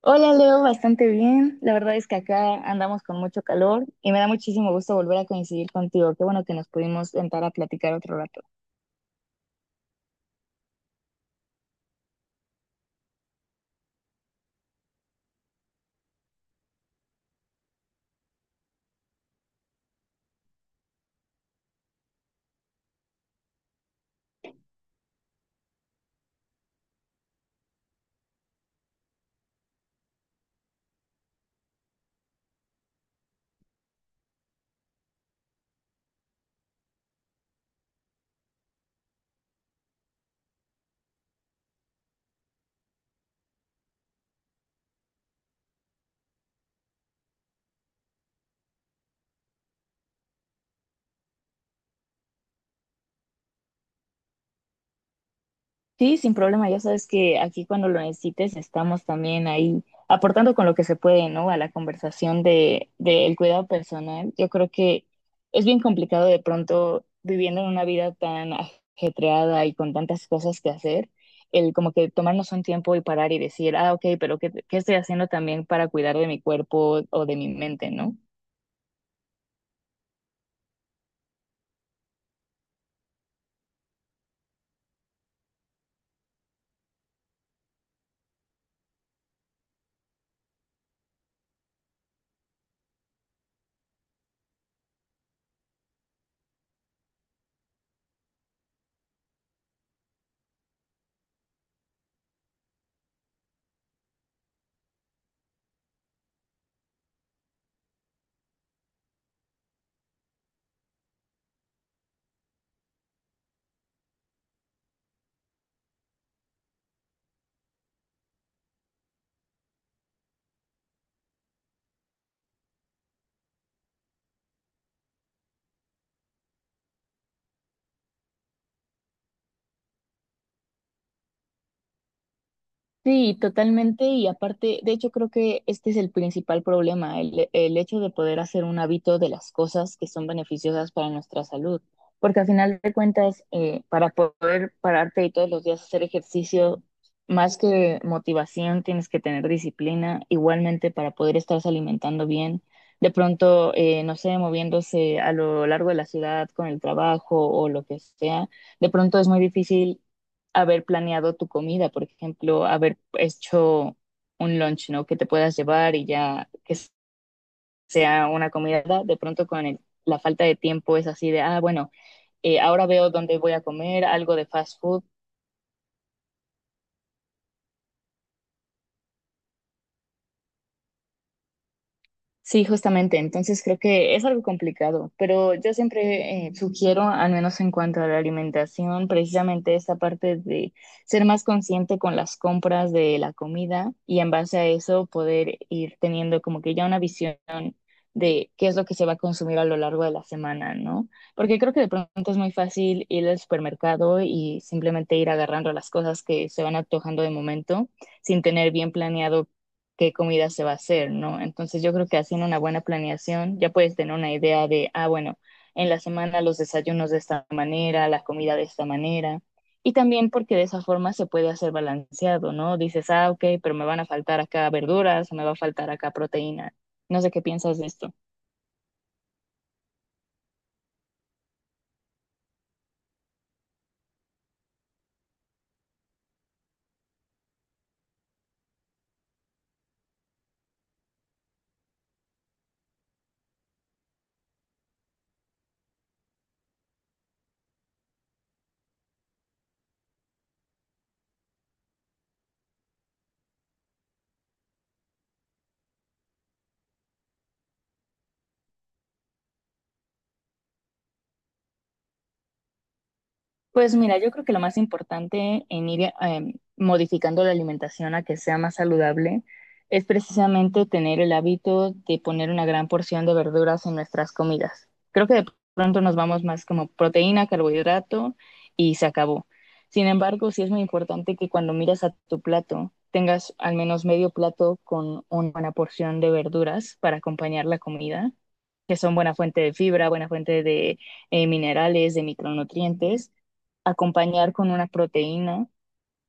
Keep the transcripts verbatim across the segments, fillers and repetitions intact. Hola Leo, bastante bien. La verdad es que acá andamos con mucho calor y me da muchísimo gusto volver a coincidir contigo. Qué bueno que nos pudimos sentar a platicar otro rato. Sí, sin problema. Ya sabes que aquí cuando lo necesites estamos también ahí aportando con lo que se puede, ¿no? A la conversación de, del cuidado personal. Yo creo que es bien complicado de pronto viviendo en una vida tan ajetreada y con tantas cosas que hacer, el como que tomarnos un tiempo y parar y decir, ah, ok, pero ¿qué, qué estoy haciendo también para cuidar de mi cuerpo o de mi mente, ¿no? Sí, totalmente. Y aparte, de hecho, creo que este es el principal problema, el, el hecho de poder hacer un hábito de las cosas que son beneficiosas para nuestra salud. Porque al final de cuentas, eh, para poder pararte y todos los días hacer ejercicio, más que motivación, tienes que tener disciplina. Igualmente, para poder estarse alimentando bien, de pronto, eh, no sé, moviéndose a lo largo de la ciudad con el trabajo o lo que sea, de pronto es muy difícil haber planeado tu comida, por ejemplo, haber hecho un lunch, ¿no? Que te puedas llevar y ya que sea una comida, de pronto con el- la falta de tiempo es así de, ah, bueno, eh, ahora veo dónde voy a comer, algo de fast food. Sí, justamente. Entonces creo que es algo complicado, pero yo siempre eh, sugiero, al menos en cuanto a la alimentación, precisamente esta parte de ser más consciente con las compras de la comida y en base a eso poder ir teniendo como que ya una visión de qué es lo que se va a consumir a lo largo de la semana, ¿no? Porque creo que de pronto es muy fácil ir al supermercado y simplemente ir agarrando las cosas que se van antojando de momento sin tener bien planeado qué comida se va a hacer, ¿no? Entonces yo creo que haciendo una buena planeación ya puedes tener una idea de, ah, bueno, en la semana los desayunos de esta manera, la comida de esta manera. Y también porque de esa forma se puede hacer balanceado, ¿no? Dices, ah, ok, pero me van a faltar acá verduras, o me va a faltar acá proteína. No sé qué piensas de esto. Pues mira, yo creo que lo más importante en ir em, modificando la alimentación a que sea más saludable es precisamente tener el hábito de poner una gran porción de verduras en nuestras comidas. Creo que de pronto nos vamos más como proteína, carbohidrato y se acabó. Sin embargo, sí es muy importante que cuando miras a tu plato tengas al menos medio plato con una buena porción de verduras para acompañar la comida, que son buena fuente de fibra, buena fuente de eh, minerales, de micronutrientes acompañar con una proteína.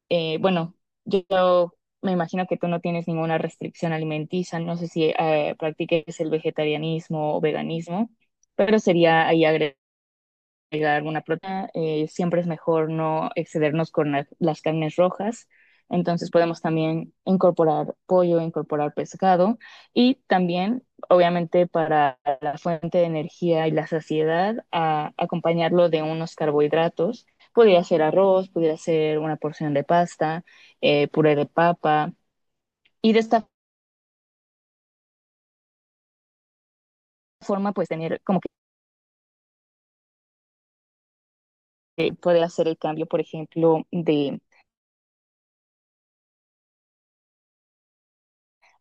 Eh, bueno, yo, yo me imagino que tú no tienes ninguna restricción alimenticia, no sé si eh, practiques el vegetarianismo o veganismo, pero sería ahí agregar agregar alguna proteína, eh, siempre es mejor no excedernos con la- las carnes rojas. Entonces podemos también incorporar pollo, incorporar pescado y también, obviamente, para la fuente de energía y la saciedad, a- acompañarlo de unos carbohidratos. Podría ser arroz, podría ser una porción de pasta, eh, puré de papa. Y de esta forma, pues tener como que poder hacer el cambio, por ejemplo, de.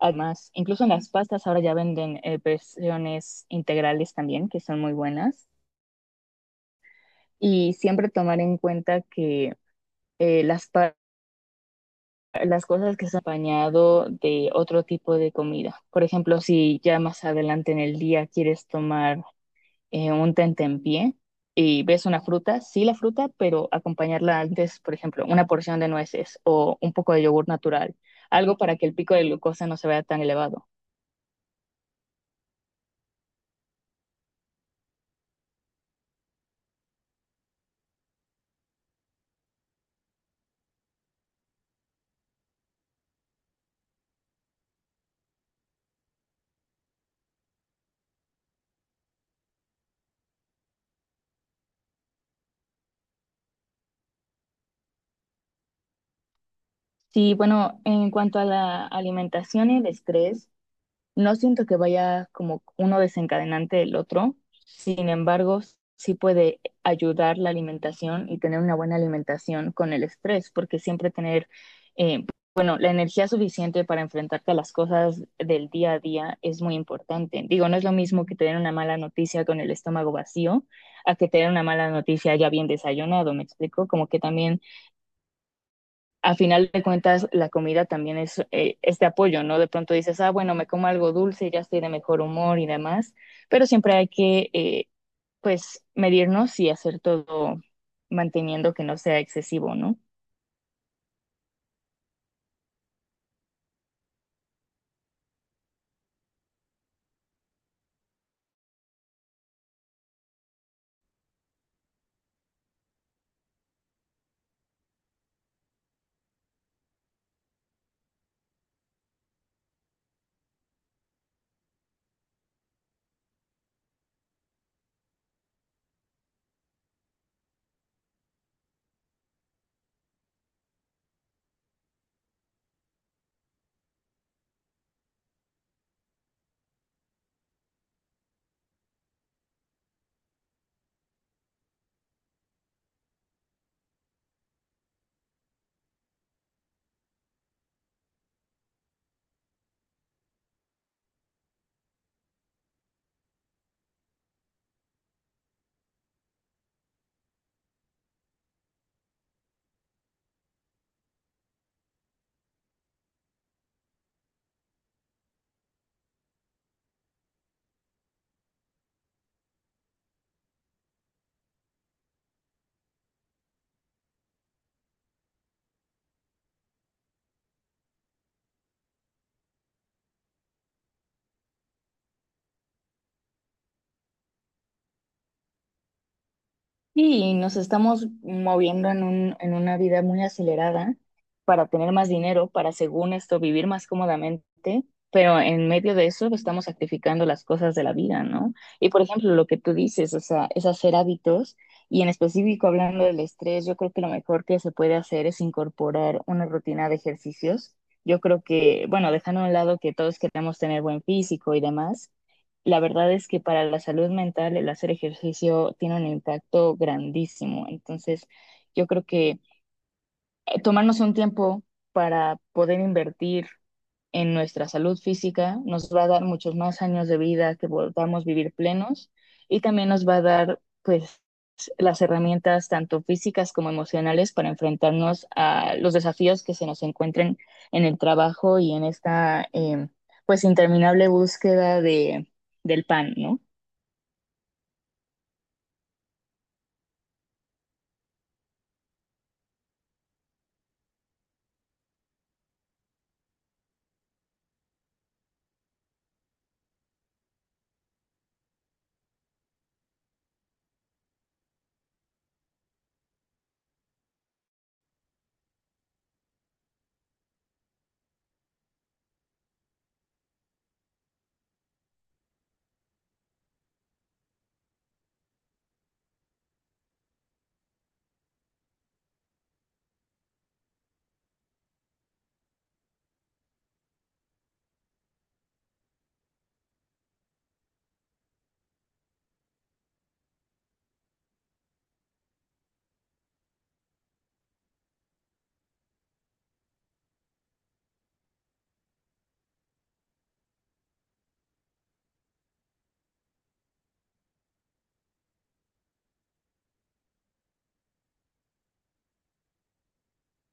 Además, incluso en las pastas ahora ya venden eh, versiones integrales también, que son muy buenas. Y siempre tomar en cuenta que eh, las, pa- las cosas que se han acompañado de otro tipo de comida. Por ejemplo, si ya más adelante en el día quieres tomar eh, un tentempié y ves una fruta, sí la fruta, pero acompañarla antes, por ejemplo, una porción de nueces o un poco de yogur natural, algo para que el pico de glucosa no se vea tan elevado. Sí, bueno, en cuanto a la alimentación y el estrés, no siento que vaya como uno desencadenante del otro. Sin embargo, sí puede ayudar la alimentación y tener una buena alimentación con el estrés, porque siempre tener, eh, bueno, la energía suficiente para enfrentarte a las cosas del día a día es muy importante. Digo, no es lo mismo que tener una mala noticia con el estómago vacío a que tener una mala noticia ya bien desayunado, ¿me explico? Como que también a final de cuentas la comida también es eh, este apoyo, ¿no? De pronto dices, ah, bueno, me como algo dulce y ya estoy de mejor humor y demás, pero siempre hay que, eh, pues, medirnos y hacer todo manteniendo que no sea excesivo, ¿no? Sí, y nos estamos moviendo en un, en una vida muy acelerada para tener más dinero, para según esto vivir más cómodamente, pero en medio de eso estamos sacrificando las cosas de la vida, ¿no? Y por ejemplo, lo que tú dices, o sea, es hacer hábitos y en específico hablando del estrés, yo creo que lo mejor que se puede hacer es incorporar una rutina de ejercicios. Yo creo que, bueno, dejando a un lado que todos queremos tener buen físico y demás, la verdad es que para la salud mental el hacer ejercicio tiene un impacto grandísimo. Entonces, yo creo que eh, tomarnos un tiempo para poder invertir en nuestra salud física nos va a dar muchos más años de vida que podamos vivir plenos y también nos va a dar pues las herramientas tanto físicas como emocionales para enfrentarnos a los desafíos que se nos encuentren en el trabajo y en esta eh, pues interminable búsqueda de, del pan, ¿no?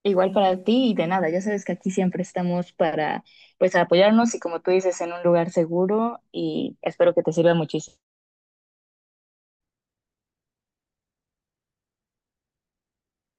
Igual para ti y de nada, ya sabes que aquí siempre estamos para pues apoyarnos y como tú dices, en un lugar seguro y espero que te sirva muchísimo.